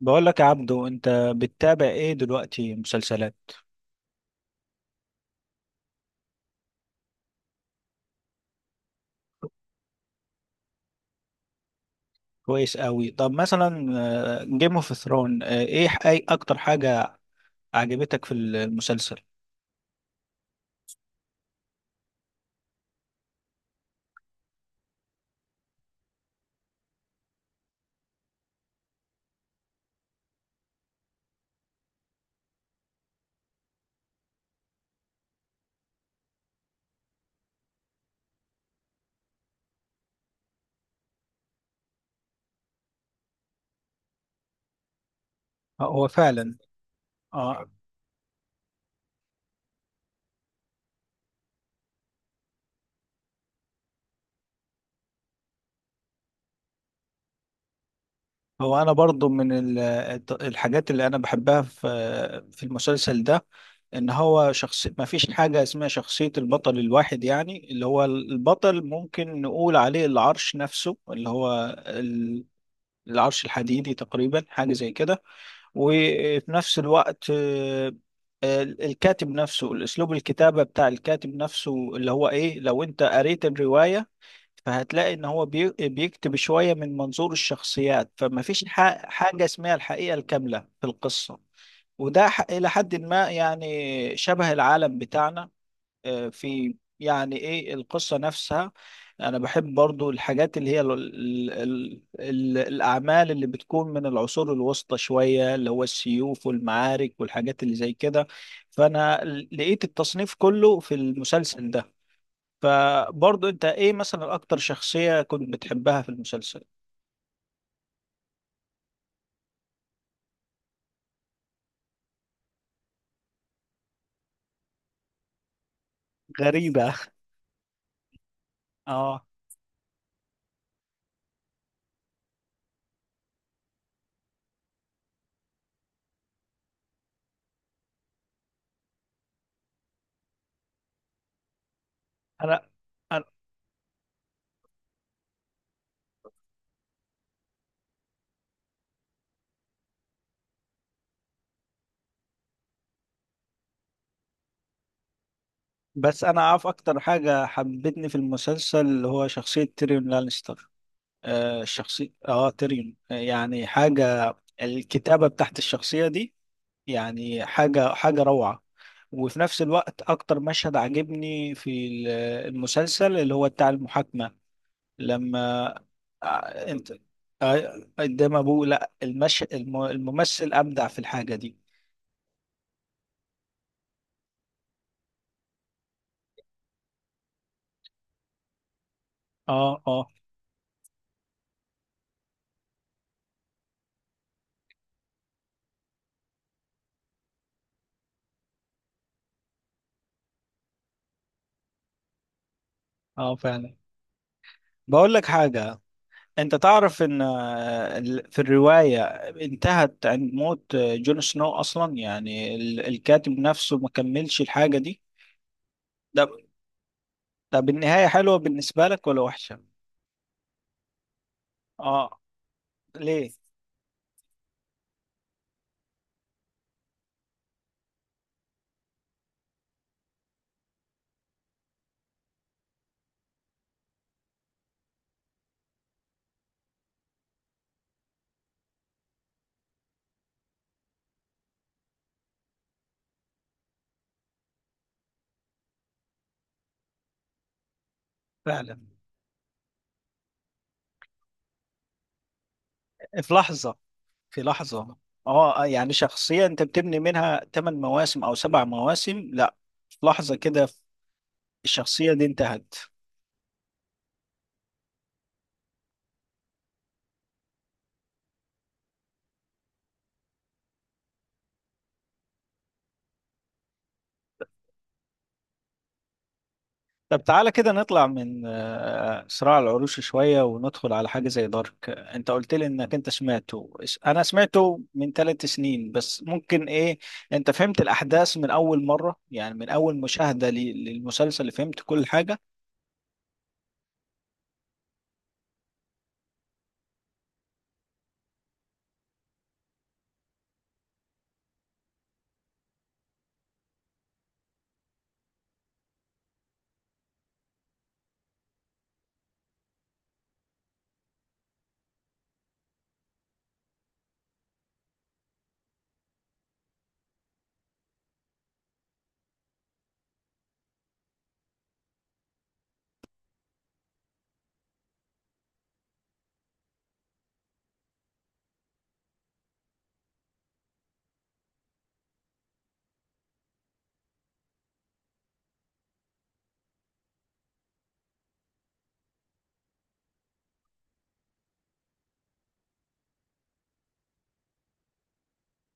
بقول لك يا عبدو، انت بتتابع ايه دلوقتي مسلسلات؟ كويس قوي. طب مثلا جيم اوف ثرون ايه اي اكتر حاجة عجبتك في المسلسل؟ هو فعلا. اه. هو انا برضو من الحاجات اللي انا بحبها في في المسلسل ده، ان هو شخص ما فيش حاجة اسمها شخصية البطل الواحد، يعني اللي هو البطل ممكن نقول عليه العرش نفسه اللي هو العرش الحديدي تقريبا، حاجة زي كده. وفي نفس الوقت الكاتب نفسه، الأسلوب الكتابة بتاع الكاتب نفسه اللي هو إيه، لو أنت قريت الرواية فهتلاقي إن هو بيكتب شوية من منظور الشخصيات، فما فيش حاجة اسمها الحقيقة الكاملة في القصة. وده إلى حد ما يعني شبه العالم بتاعنا. في يعني ايه القصة نفسها. انا بحب برضو الحاجات اللي هي ال ال ال ال الاعمال اللي بتكون من العصور الوسطى شوية، اللي هو السيوف والمعارك والحاجات اللي زي كده. فانا لقيت التصنيف كله في المسلسل ده. فبرضو انت ايه مثلا اكتر شخصية كنت بتحبها في المسلسل؟ غريبة. اه. انا أنا- بس انا عارف اكتر حاجة حبتني في المسلسل اللي هو شخصية تيريون لانستر. آه الشخصي اه تريون، يعني حاجة، الكتابة بتاعت الشخصية دي يعني حاجة حاجة روعة. وفي نفس الوقت أكتر مشهد عجبني في المسلسل اللي هو بتاع المحاكمة، لما آه، انت آه، قدام أبوه. لا الممثل أبدع في الحاجة دي. اه اه. اه فعلا. بقول لك حاجة، انت تعرف ان في الرواية انتهت عند موت جون سنو اصلا، يعني الكاتب نفسه ما كملش الحاجة دي. ده طب النهاية حلوة بالنسبة لك ولا وحشة؟ اه. ليه؟ فعلا. في لحظة. في لحظة. اه يعني شخصية انت بتبني منها 8 مواسم او سبع مواسم، لا في لحظة كده الشخصية دي انتهت. طب تعالى كده نطلع من صراع العروش شوية وندخل على حاجة زي دارك. انت قلت لي انك انت انا سمعته من ثلاث سنين، بس ممكن ايه، انت فهمت الاحداث من اول مرة يعني من اول مشاهدة للمسلسل، فهمت كل حاجة؟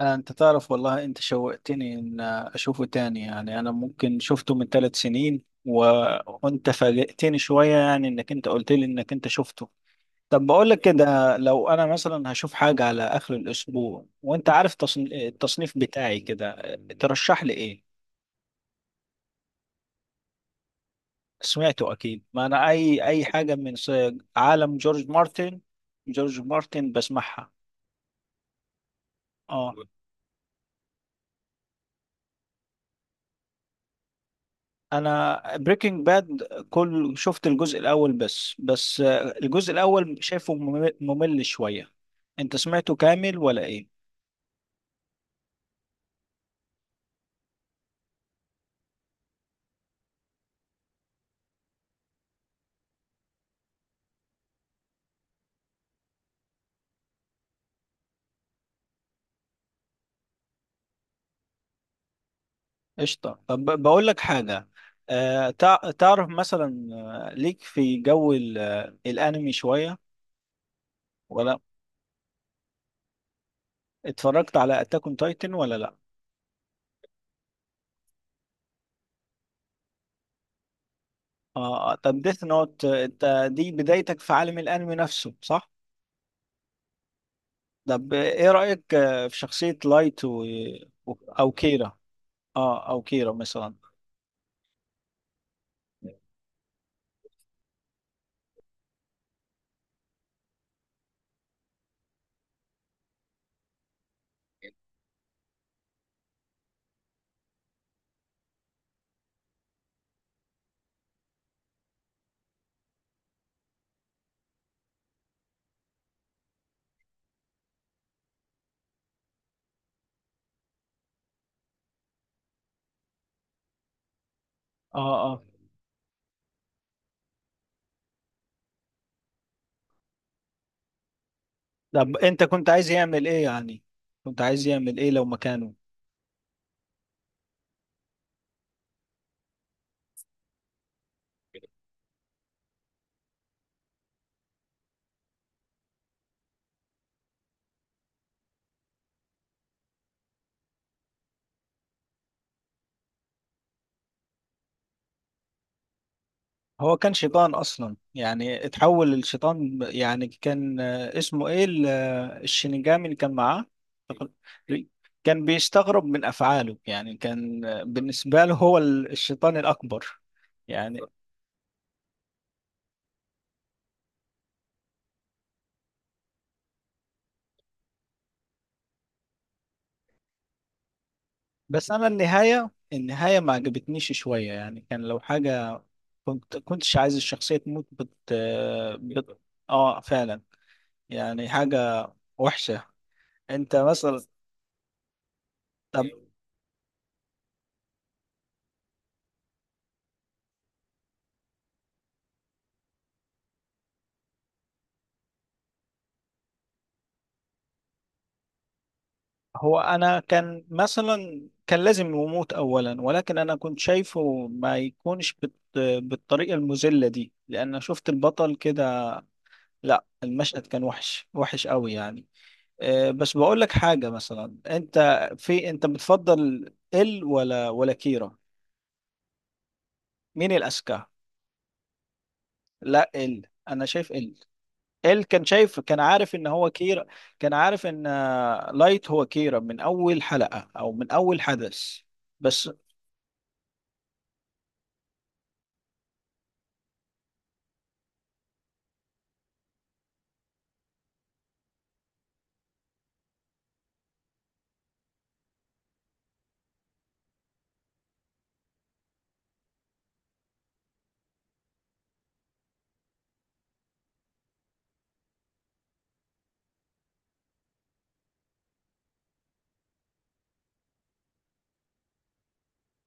انت تعرف والله انت شوقتني ان اشوفه تاني، يعني انا ممكن شفته من ثلاث سنين و... وانت فاجئتني شوية يعني انك انت قلت لي انك انت شفته. طب بقول لك كده، لو انا مثلا هشوف حاجة على اخر الاسبوع وانت عارف التصنيف بتاعي كده، ترشح لي ايه؟ سمعته اكيد، ما انا اي حاجة من عالم جورج مارتن، جورج مارتن بسمعها. اه. انا بريكنج باد كل شفت الجزء الاول بس، الجزء الاول شايفه ممل شوية. انت سمعته كامل ولا ايه؟ قشطة. طب بقول لك حاجة، آه تعرف مثلا ليك في جو الأنمي شوية؟ ولا اتفرجت على أتاك أون تايتن ولا لأ؟ آه طب ديث نوت انت دي بدايتك في عالم الأنمي نفسه صح؟ طب إيه رأيك في شخصية لايت و... و- أو كيرا؟ آه أو كيرا مثلا. آه آه. طب أنت كنت عايز يعمل إيه يعني؟ كنت عايز يعمل إيه لو مكانه؟ هو كان شيطان اصلا، يعني اتحول للشيطان يعني كان اسمه ايه الشينيجامي اللي كان معاه كان بيستغرب من افعاله، يعني كان بالنسبه له هو الشيطان الاكبر يعني. بس انا النهايه، ما عجبتنيش شويه، يعني كان لو حاجه كنتش عايز الشخصيه تموت بت بت. اه فعلا. يعني حاجه وحشه. انت مثلا طب هو انا كان مثلا كان لازم يموت اولا، ولكن انا كنت شايفه ما يكونش بت... بالطريقه المذله دي، لان شفت البطل كده. لا المشهد كان وحش قوي يعني. أه بس بقول لك حاجه مثلا، انت في انت بتفضل ال ولا كيرا؟ مين الاذكى؟ لا ال، انا شايف ال، ال كان شايف، كان عارف ان هو كيرا، كان عارف ان لايت هو كيرا من اول حلقه او من اول حدث. بس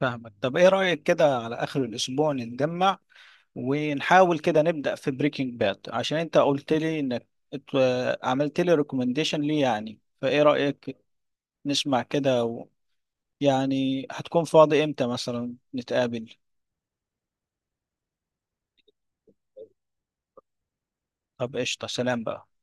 فاهمك. طب ايه رأيك كده على اخر الاسبوع نتجمع ونحاول كده نبدأ في بريكنج باد، عشان انت قلت لي انك عملت لي ريكومنديشن ليه يعني، فايه رأيك نسمع كده و... يعني هتكون فاضي امتى مثلا نتقابل؟ طب قشطة، سلام بقى.